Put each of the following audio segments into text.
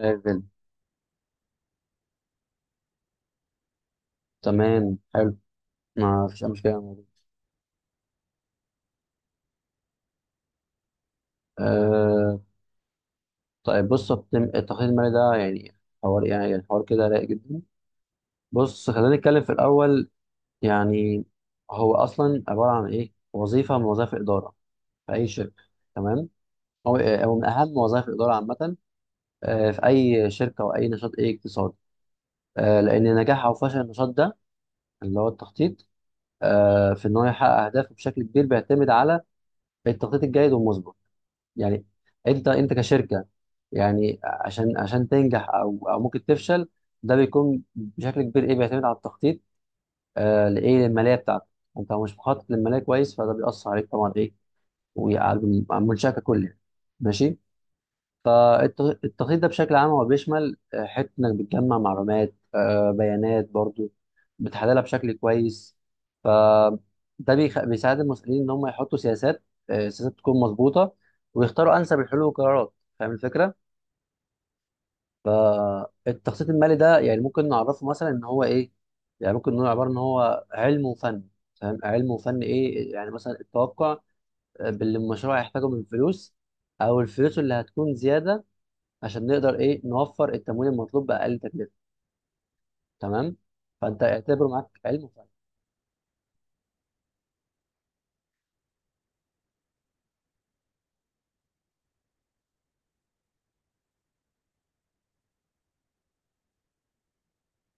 ريفن. تمام، حلو. ما فيش أي مشكلة يا مولود. أه. طيب، بص، التخطيط المالي ده يعني حوار يعني حوار كده رايق جدا. بص، خلينا نتكلم في الأول. يعني هو أصلا عبارة عن إيه؟ وظيفة من وظائف الإدارة في أي شركة. تمام؟ هو من أهم وظائف الإدارة عامة. في أي شركة أو أي نشاط أي اقتصادي. لأن نجاح أو فشل النشاط ده، اللي هو التخطيط، في إن هو يحقق أهدافه بشكل كبير بيعتمد على التخطيط الجيد والمسبق. يعني انت كشركه، يعني عشان تنجح او ممكن تفشل. ده بيكون بشكل كبير، ايه، بيعتمد على التخطيط، لايه، للماليه بتاعتك. انت لو مش مخطط للماليه كويس، فده بيأثر عليك طبعا، ايه، وعلى المنشاه ككل يعني. ماشي. التخطيط ده بشكل عام هو بيشمل، حتة إنك بتجمع معلومات، بيانات برضو، بتحللها بشكل كويس. ف ده بيساعد المسؤولين إن هم يحطوا سياسات، سياسات تكون مظبوطة، ويختاروا أنسب الحلول والقرارات. فاهم الفكرة؟ فالتخطيط المالي ده، يعني، ممكن نعرفه مثلا إن هو إيه؟ يعني ممكن نقول عبارة إن هو علم وفن. فاهم؟ علم وفن، إيه؟ يعني مثلا التوقع، باللي المشروع هيحتاجه من فلوس، أو الفلوس اللي هتكون زيادة، عشان نقدر، ايه، نوفر التمويل المطلوب باقل تكلفه. تمام. فانت اعتبره معاك علم وفن.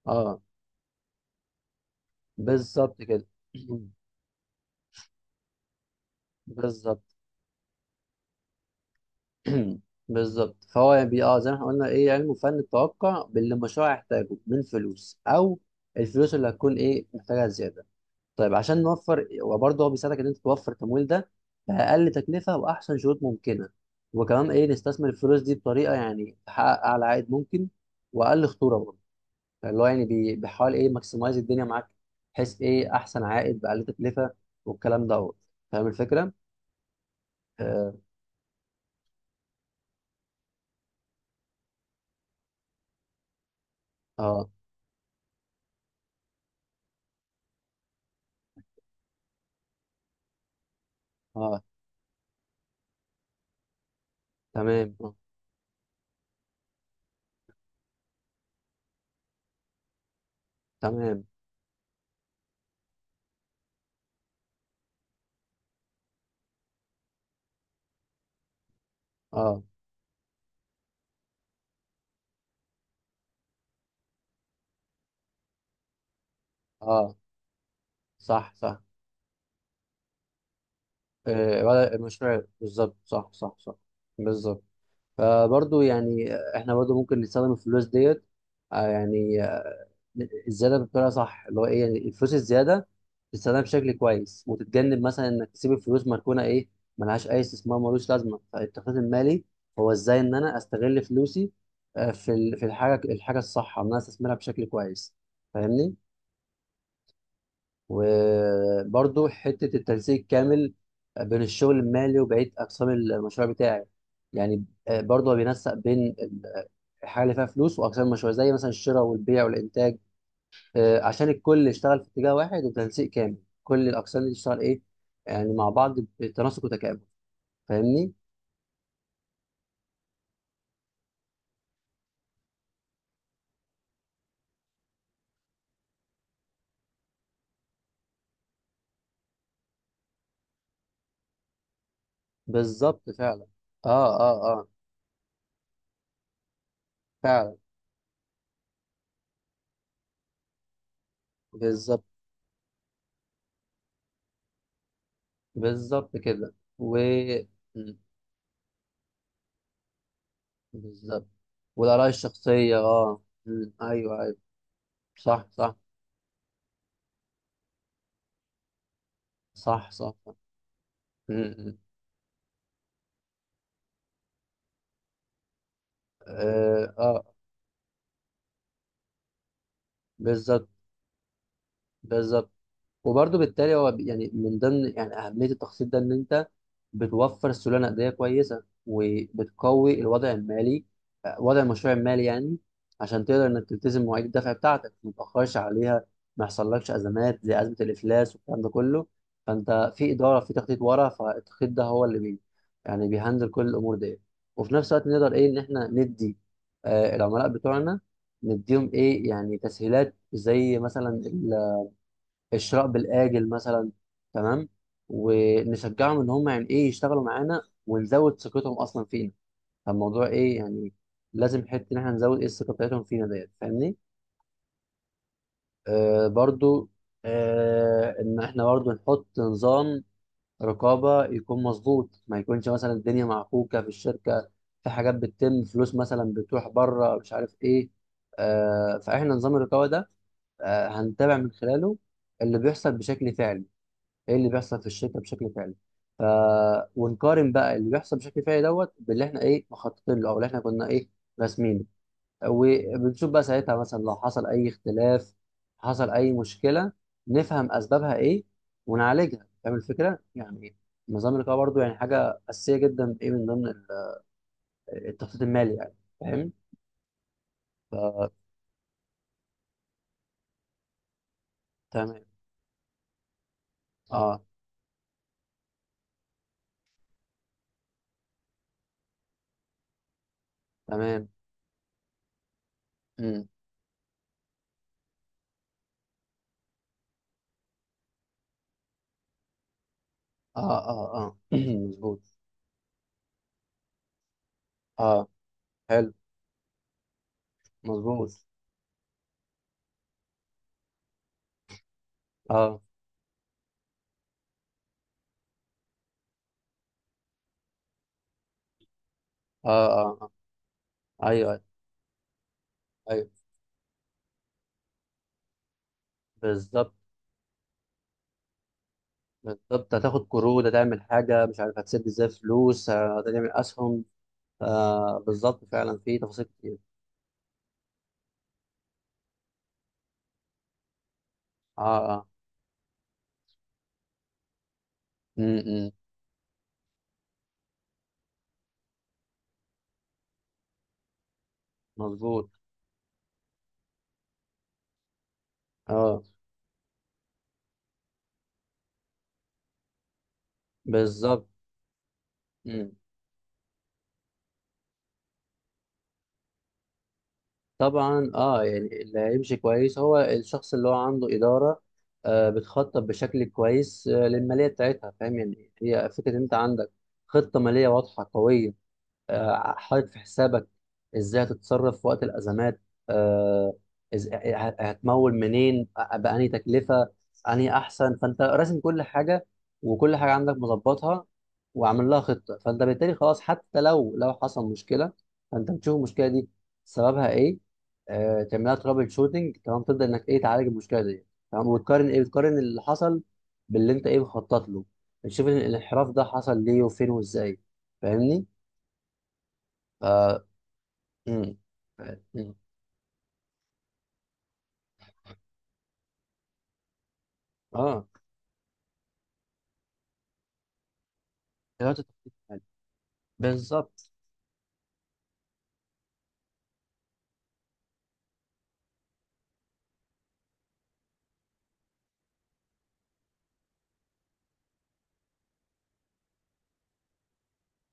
اه، بالظبط كده. بالظبط. بالظبط. فهو يعني بي اه زي ما احنا قلنا، ايه، علم وفن التوقع باللي المشروع يحتاجه من فلوس، او الفلوس اللي هتكون، ايه، محتاجها زياده. طيب عشان نوفر، وبرضه هو بيساعدك ان انت توفر التمويل ده باقل تكلفه واحسن شروط ممكنه. وكمان، ايه، نستثمر الفلوس دي بطريقه يعني تحقق اعلى عائد ممكن، واقل خطوره برضه. اللي هو يعني بيحاول، ايه، ماكسمايز الدنيا معاك، بحيث ايه احسن عائد باقل تكلفه والكلام دوت. فاهم الفكره؟ اه، اه، آه. تمام، آه. تمام، اه، اه، صح، صح، آه. ولا المشروع بالظبط، صح، صح، صح. بالظبط. فبرضه يعني احنا برضه ممكن نستخدم الفلوس ديت، يعني الزياده بطريقه صح، اللي هو، ايه، يعني الفلوس الزياده تستخدمها بشكل كويس، وتتجنب مثلا انك تسيب الفلوس مركونه، ايه، ملهاش اي استثمار، ملوش لازمه. فالتخطيط المالي هو ازاي ان انا استغل فلوسي، في الحاجه الصح ان انا استثمرها بشكل كويس. فاهمني؟ وبرضو حته التنسيق الكامل بين الشغل المالي وبقيه اقسام المشروع بتاعي. يعني برضو هو بينسق بين الحاجه اللي فيها فلوس واقسام المشروع زي مثلا الشراء والبيع والانتاج، عشان الكل يشتغل في اتجاه واحد وتنسيق كامل. كل الاقسام دي تشتغل، ايه، يعني مع بعض بتناسق وتكامل. فاهمني؟ بالظبط فعلا. اه، اه، اه. فعلا، بالظبط، بالظبط كده. و م، بالظبط. والاراء الشخصيه، اه م، ايوه، ايوه. صح، صح. صح، صح، صح. م، م. اه، آه. بالظبط، بالظبط. وبرضه بالتالي هو يعني من ضمن يعني اهميه التخصيص ده ان انت بتوفر سيوله نقديه كويسه وبتقوي الوضع المالي، وضع المشروع المالي يعني. عشان تقدر انك تلتزم مواعيد الدفع بتاعتك ما تتاخرش عليها، ما يحصلكش ازمات زي ازمه الافلاس والكلام ده كله. فانت في اداره، في تخطيط ورا. فالتخطيط ده هو اللي يعني بيهندل كل الامور دي. وفي نفس الوقت نقدر، ايه، ان احنا ندي العملاء بتوعنا، نديهم، ايه، يعني تسهيلات زي مثلا الشراء بالآجل مثلا. تمام. ونشجعهم ان هم يعني، ايه، يشتغلوا معانا ونزود ثقتهم اصلا فينا. فالموضوع، ايه، يعني، لازم حته ان احنا نزود، ايه، الثقه بتاعتهم فينا ديت. فاهمني؟ برضو. ان احنا برضو نحط نظام رقابه يكون مظبوط، ما يكونش مثلا الدنيا معكوكه في الشركه، في حاجات بتتم، فلوس مثلا بتروح بره مش عارف ايه. فاحنا نظام الرقابه ده، هنتابع من خلاله اللي بيحصل بشكل فعلي، ايه اللي بيحصل في الشركه بشكل فعلي. ف ونقارن بقى اللي بيحصل بشكل فعلي دوت باللي احنا، ايه، مخططين له، او اللي احنا كنا، ايه، راسمينه. وبنشوف بقى ساعتها مثلا لو حصل اي اختلاف، حصل اي مشكله، نفهم اسبابها ايه ونعالجها. فاهم الفكره يعني؟ نظام الرقابه برضو يعني حاجه اساسيه جدا، ايه، من ضمن التخطيط المالي يعني. فاهم؟ فتمام. اه، تمام. امم اه، اه، اه. مظبوط. اه، حلو. مظبوط. اه، اه، اه، آه. ايوه، أيوه. ايوه، بالظبط، بالظبط. هتاخد قروض، هتعمل حاجه مش عارف هتسد ازاي فلوس، هتعمل اسهم. بالظبط فعلا، في تفاصيل كتير. اه، اه. امم مظبوط. اه، بالظبط. مم. طبعا، يعني اللي هيمشي كويس هو الشخص اللي هو عنده اداره، بتخطط بشكل كويس للماليه بتاعتها. فاهم يعني؟ هي فكره ان انت عندك خطه ماليه واضحه قويه، حاطط في حسابك ازاي هتتصرف في وقت الازمات، آه، هتمول منين، بأنهي تكلفه، انهي احسن. فانت راسم كل حاجه، وكل حاجه عندك مظبطها، وعامل لها خطه. فانت بالتالي خلاص، حتى لو حصل مشكله، فانت بتشوف المشكله دي سببها، ايه، تعملها ترابل شوتنج، تمام، تبدا انك، ايه، تعالج المشكله دي. تمام. وتقارن، ايه، بتقارن اللي حصل باللي انت، ايه، مخطط له. بتشوف الانحراف ده حصل ليه وفين وازاي. فاهمني؟ امم، امم. اه. دلوقتي تخطيط حلو. بالظبط،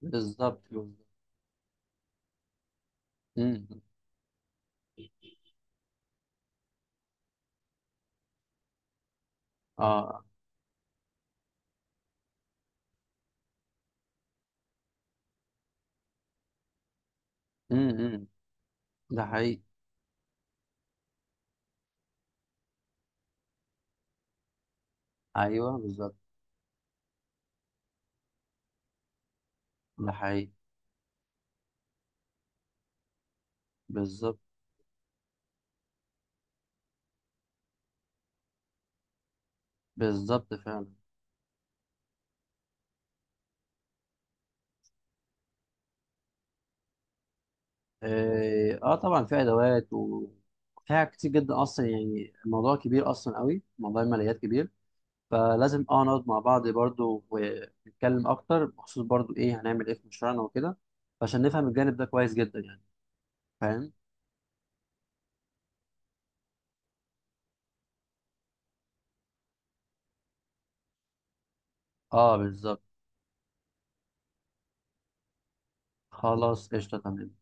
بالظبط، بالظبط. امم، اه. امم، ده حقيقي. ايوه، بالظبط. ده حقيقي. بالظبط. بالظبط فعلا. طبعا في ادوات وفيها كتير جدا. اصلا يعني الموضوع كبير، اصلا قوي، موضوع الماليات كبير. فلازم نقعد مع بعض برضو ونتكلم اكتر بخصوص برضو، ايه، هنعمل ايه في مشروعنا وكده. عشان نفهم الجانب ده كويس جدا يعني. فاهم؟ اه، بالظبط. خلاص، قشطه، تمام.